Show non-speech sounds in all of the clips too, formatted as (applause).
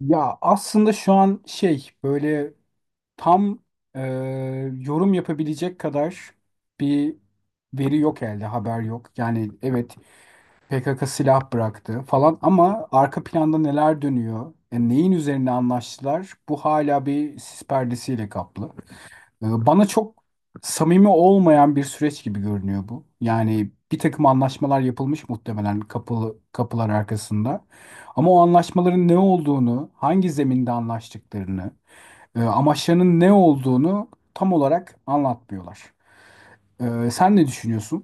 Ya aslında şu an şey böyle tam e, yorum yapabilecek kadar bir veri yok elde, haber yok. Yani evet PKK silah bıraktı falan ama arka planda neler dönüyor, neyin üzerine anlaştılar bu hala bir sis perdesiyle kaplı. Bana çok samimi olmayan bir süreç gibi görünüyor bu. Yani bir takım anlaşmalar yapılmış muhtemelen kapılar arkasında. Ama o anlaşmaların ne olduğunu, hangi zeminde anlaştıklarını, amaçlarının ne olduğunu tam olarak anlatmıyorlar. Sen ne düşünüyorsun?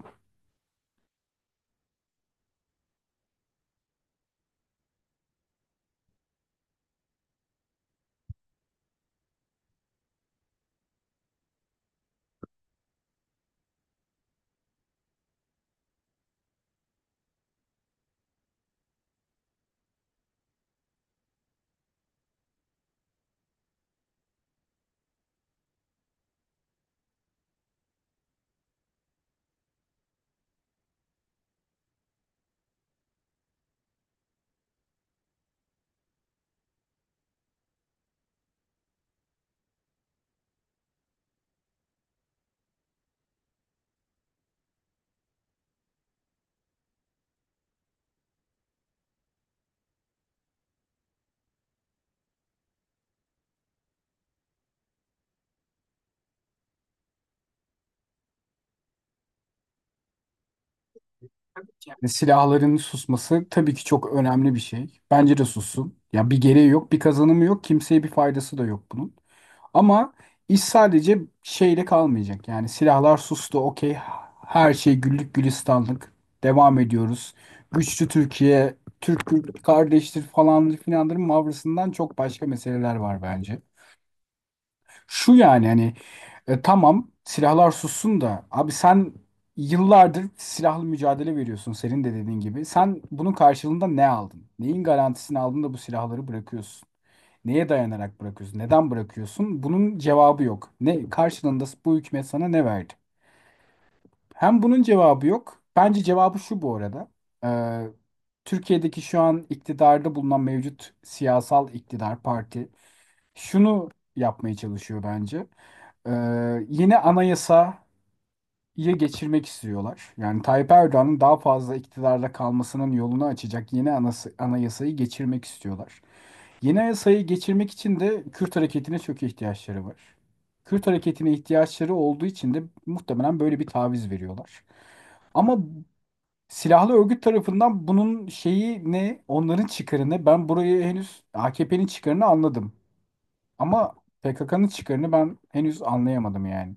Yani silahların susması tabii ki çok önemli bir şey. Bence de sussun. Ya bir gereği yok, bir kazanımı yok, kimseye bir faydası da yok bunun. Ama iş sadece şeyle kalmayacak. Yani silahlar sustu, okey. Her şey güllük gülistanlık. Devam ediyoruz. Güçlü Türkiye, Türk kardeştir falan filanların mavrasından çok başka meseleler var bence. Şu yani hani tamam silahlar sussun da abi sen yıllardır silahlı mücadele veriyorsun senin de dediğin gibi. Sen bunun karşılığında ne aldın? Neyin garantisini aldın da bu silahları bırakıyorsun? Neye dayanarak bırakıyorsun? Neden bırakıyorsun? Bunun cevabı yok. Ne karşılığında bu hükümet sana ne verdi? Hem bunun cevabı yok. Bence cevabı şu bu arada. Ee, Türkiye'deki şu an iktidarda bulunan mevcut siyasal iktidar parti şunu yapmaya çalışıyor bence. Ee, Yine anayasayı geçirmek istiyorlar. Yani Tayyip Erdoğan'ın daha fazla iktidarda kalmasının yolunu açacak yeni anayasayı geçirmek istiyorlar. Yeni anayasayı geçirmek için de Kürt hareketine çok ihtiyaçları var. Kürt hareketine ihtiyaçları olduğu için de muhtemelen böyle bir taviz veriyorlar. Ama silahlı örgüt tarafından bunun şeyi ne, onların çıkarı ne? Ben burayı henüz AKP'nin çıkarını anladım. Ama PKK'nın çıkarını ben henüz anlayamadım yani.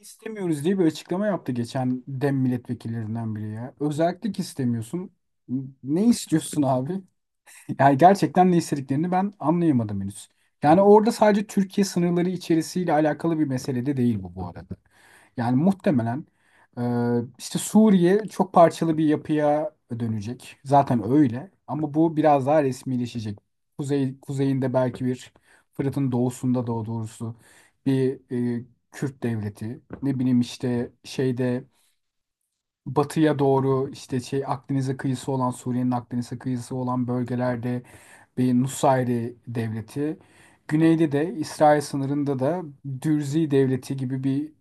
İstemiyoruz diye bir açıklama yaptı geçen DEM milletvekillerinden biri ya. Özellik istemiyorsun. Ne istiyorsun abi? Yani gerçekten ne istediklerini ben anlayamadım henüz. Yani orada sadece Türkiye sınırları içerisiyle alakalı bir mesele de değil bu bu arada. Yani muhtemelen e, işte Suriye çok parçalı bir yapıya dönecek. Zaten öyle ama bu biraz daha resmileşecek. Kuzeyinde belki bir Fırat'ın doğusunda da doğrusu bir e, Kürt devleti. Ne bileyim işte şeyde batıya doğru işte şey Akdeniz'e kıyısı olan Suriye'nin Akdeniz'e kıyısı olan bölgelerde bir Nusayri devleti. Güneyde de İsrail sınırında da Dürzi devleti gibi bir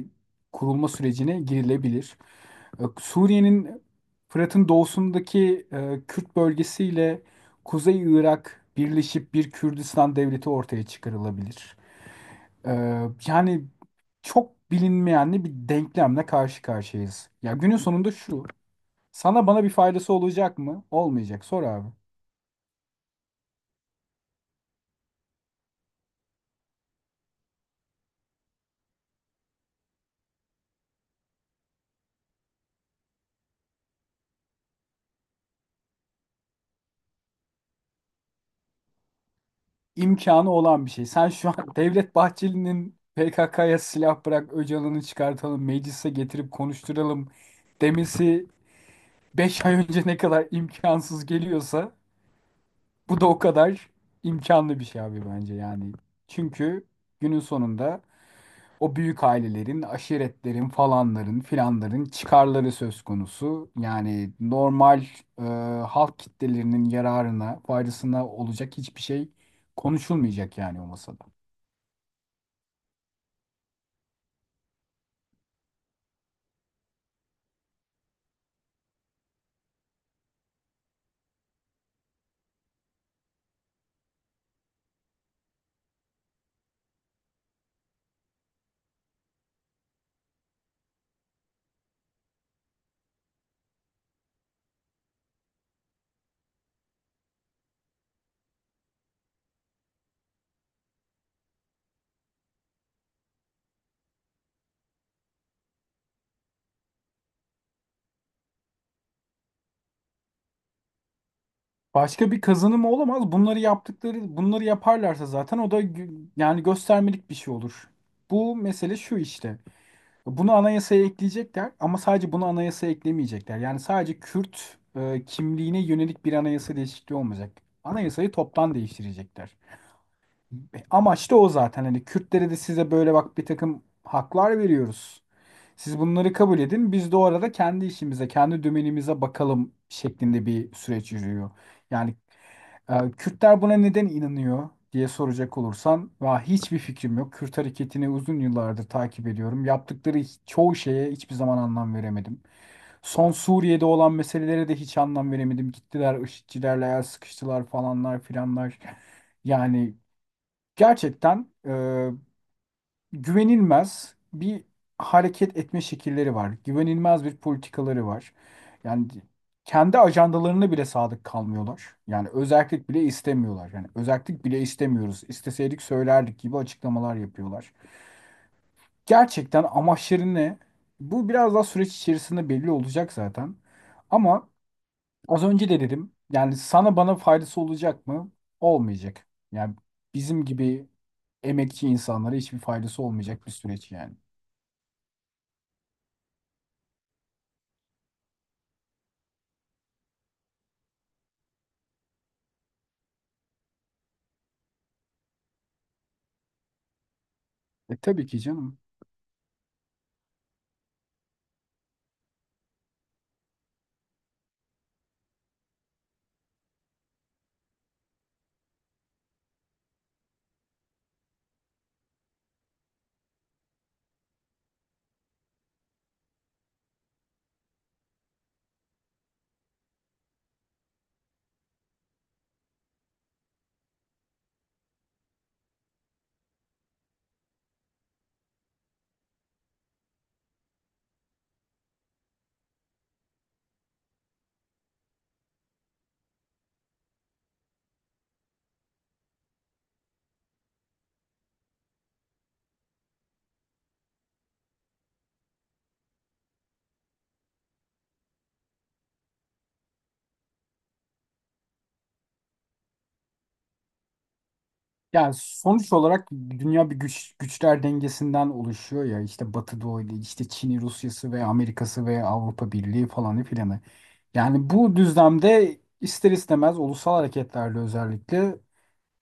e, kurulma sürecine girilebilir. Suriye'nin Fırat'ın doğusundaki Kürt bölgesiyle Kuzey Irak birleşip bir Kürdistan devleti ortaya çıkarılabilir. Ee, Yani çok bilinmeyenli bir denklemle karşı karşıyayız. Ya günün sonunda şu. Sana bana bir faydası olacak mı? Olmayacak. Sor abi. İmkanı olan bir şey. Sen şu an (laughs) Devlet Bahçeli'nin PKK'ya silah bırak, Öcalan'ı çıkartalım, meclise getirip konuşturalım demesi 5 ay önce ne kadar imkansız geliyorsa bu da o kadar imkanlı bir şey abi bence yani. Çünkü günün sonunda o büyük ailelerin, aşiretlerin falanların filanların çıkarları söz konusu. Yani normal e, halk kitlelerinin yararına, faydasına olacak hiçbir şey konuşulmayacak yani o masada. Başka bir kazanımı olamaz. Bunları yaptıkları, bunları yaparlarsa zaten o da yani göstermelik bir şey olur. Bu mesele şu işte. Bunu anayasaya ekleyecekler ama sadece bunu anayasaya eklemeyecekler. Yani sadece Kürt kimliğine yönelik bir anayasa değişikliği olmayacak. Anayasayı toptan değiştirecekler. Amaç da o zaten. Hani Kürtlere de size böyle bak bir takım haklar veriyoruz. Siz bunları kabul edin. Biz de o arada kendi işimize, kendi dümenimize bakalım şeklinde bir süreç yürüyor. Yani Kürtler buna neden inanıyor diye soracak olursan, va hiçbir fikrim yok. Kürt hareketini uzun yıllardır takip ediyorum. Yaptıkları çoğu şeye hiçbir zaman anlam veremedim. Son Suriye'de olan meselelere de hiç anlam veremedim. Gittiler IŞİD'cilerle el sıkıştılar falanlar filanlar. (laughs) Yani gerçekten güvenilmez bir hareket etme şekilleri var. Güvenilmez bir politikaları var. Yani kendi ajandalarına bile sadık kalmıyorlar. Yani özellik bile istemiyorlar. Yani özellik bile istemiyoruz. İsteseydik söylerdik gibi açıklamalar yapıyorlar. Gerçekten amaçları ne? Bu biraz daha süreç içerisinde belli olacak zaten. Ama az önce de dedim. Yani sana bana faydası olacak mı? Olmayacak. Yani bizim gibi emekçi insanlara hiçbir faydası olmayacak bir süreç yani. Tabii ki canım. Yani sonuç olarak dünya bir güçler dengesinden oluşuyor ya işte Batı Doğu'yla işte Çin'i, Rusya'sı ve Amerika'sı ve Avrupa Birliği falanı filanı. Yani bu düzlemde ister istemez ulusal hareketlerle özellikle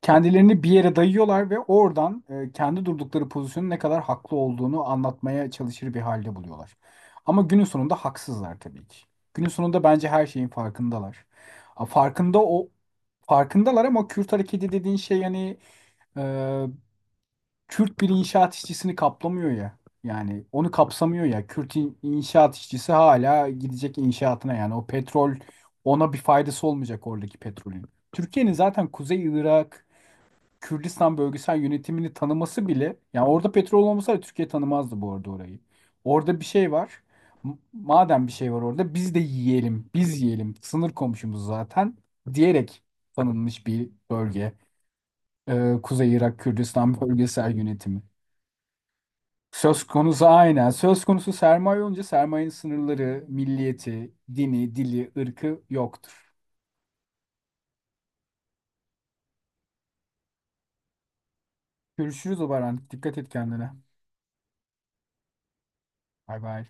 kendilerini bir yere dayıyorlar ve oradan kendi durdukları pozisyonun ne kadar haklı olduğunu anlatmaya çalışır bir halde buluyorlar. Ama günün sonunda haksızlar tabii ki. Günün sonunda bence her şeyin farkındalar. A, Farkında o Farkındalar ama Kürt hareketi dediğin şey yani e, Kürt bir inşaat işçisini kaplamıyor ya. Yani onu kapsamıyor ya. Kürt inşaat işçisi hala gidecek inşaatına yani o petrol ona bir faydası olmayacak oradaki petrolün. Türkiye'nin zaten Kuzey Irak Kürdistan bölgesel yönetimini tanıması bile yani orada petrol olmasa Türkiye tanımazdı bu arada orayı. Orada bir şey var. Madem bir şey var orada biz de yiyelim. Biz yiyelim. Sınır komşumuz zaten diyerek tanınmış bir bölge. Kuzey Irak Kürdistan bölgesel yönetimi. Söz konusu aynen. Söz konusu sermaye olunca sermayenin sınırları, milliyeti, dini, dili, ırkı yoktur. Görüşürüz o Baran. Dikkat et kendine. Bay bay.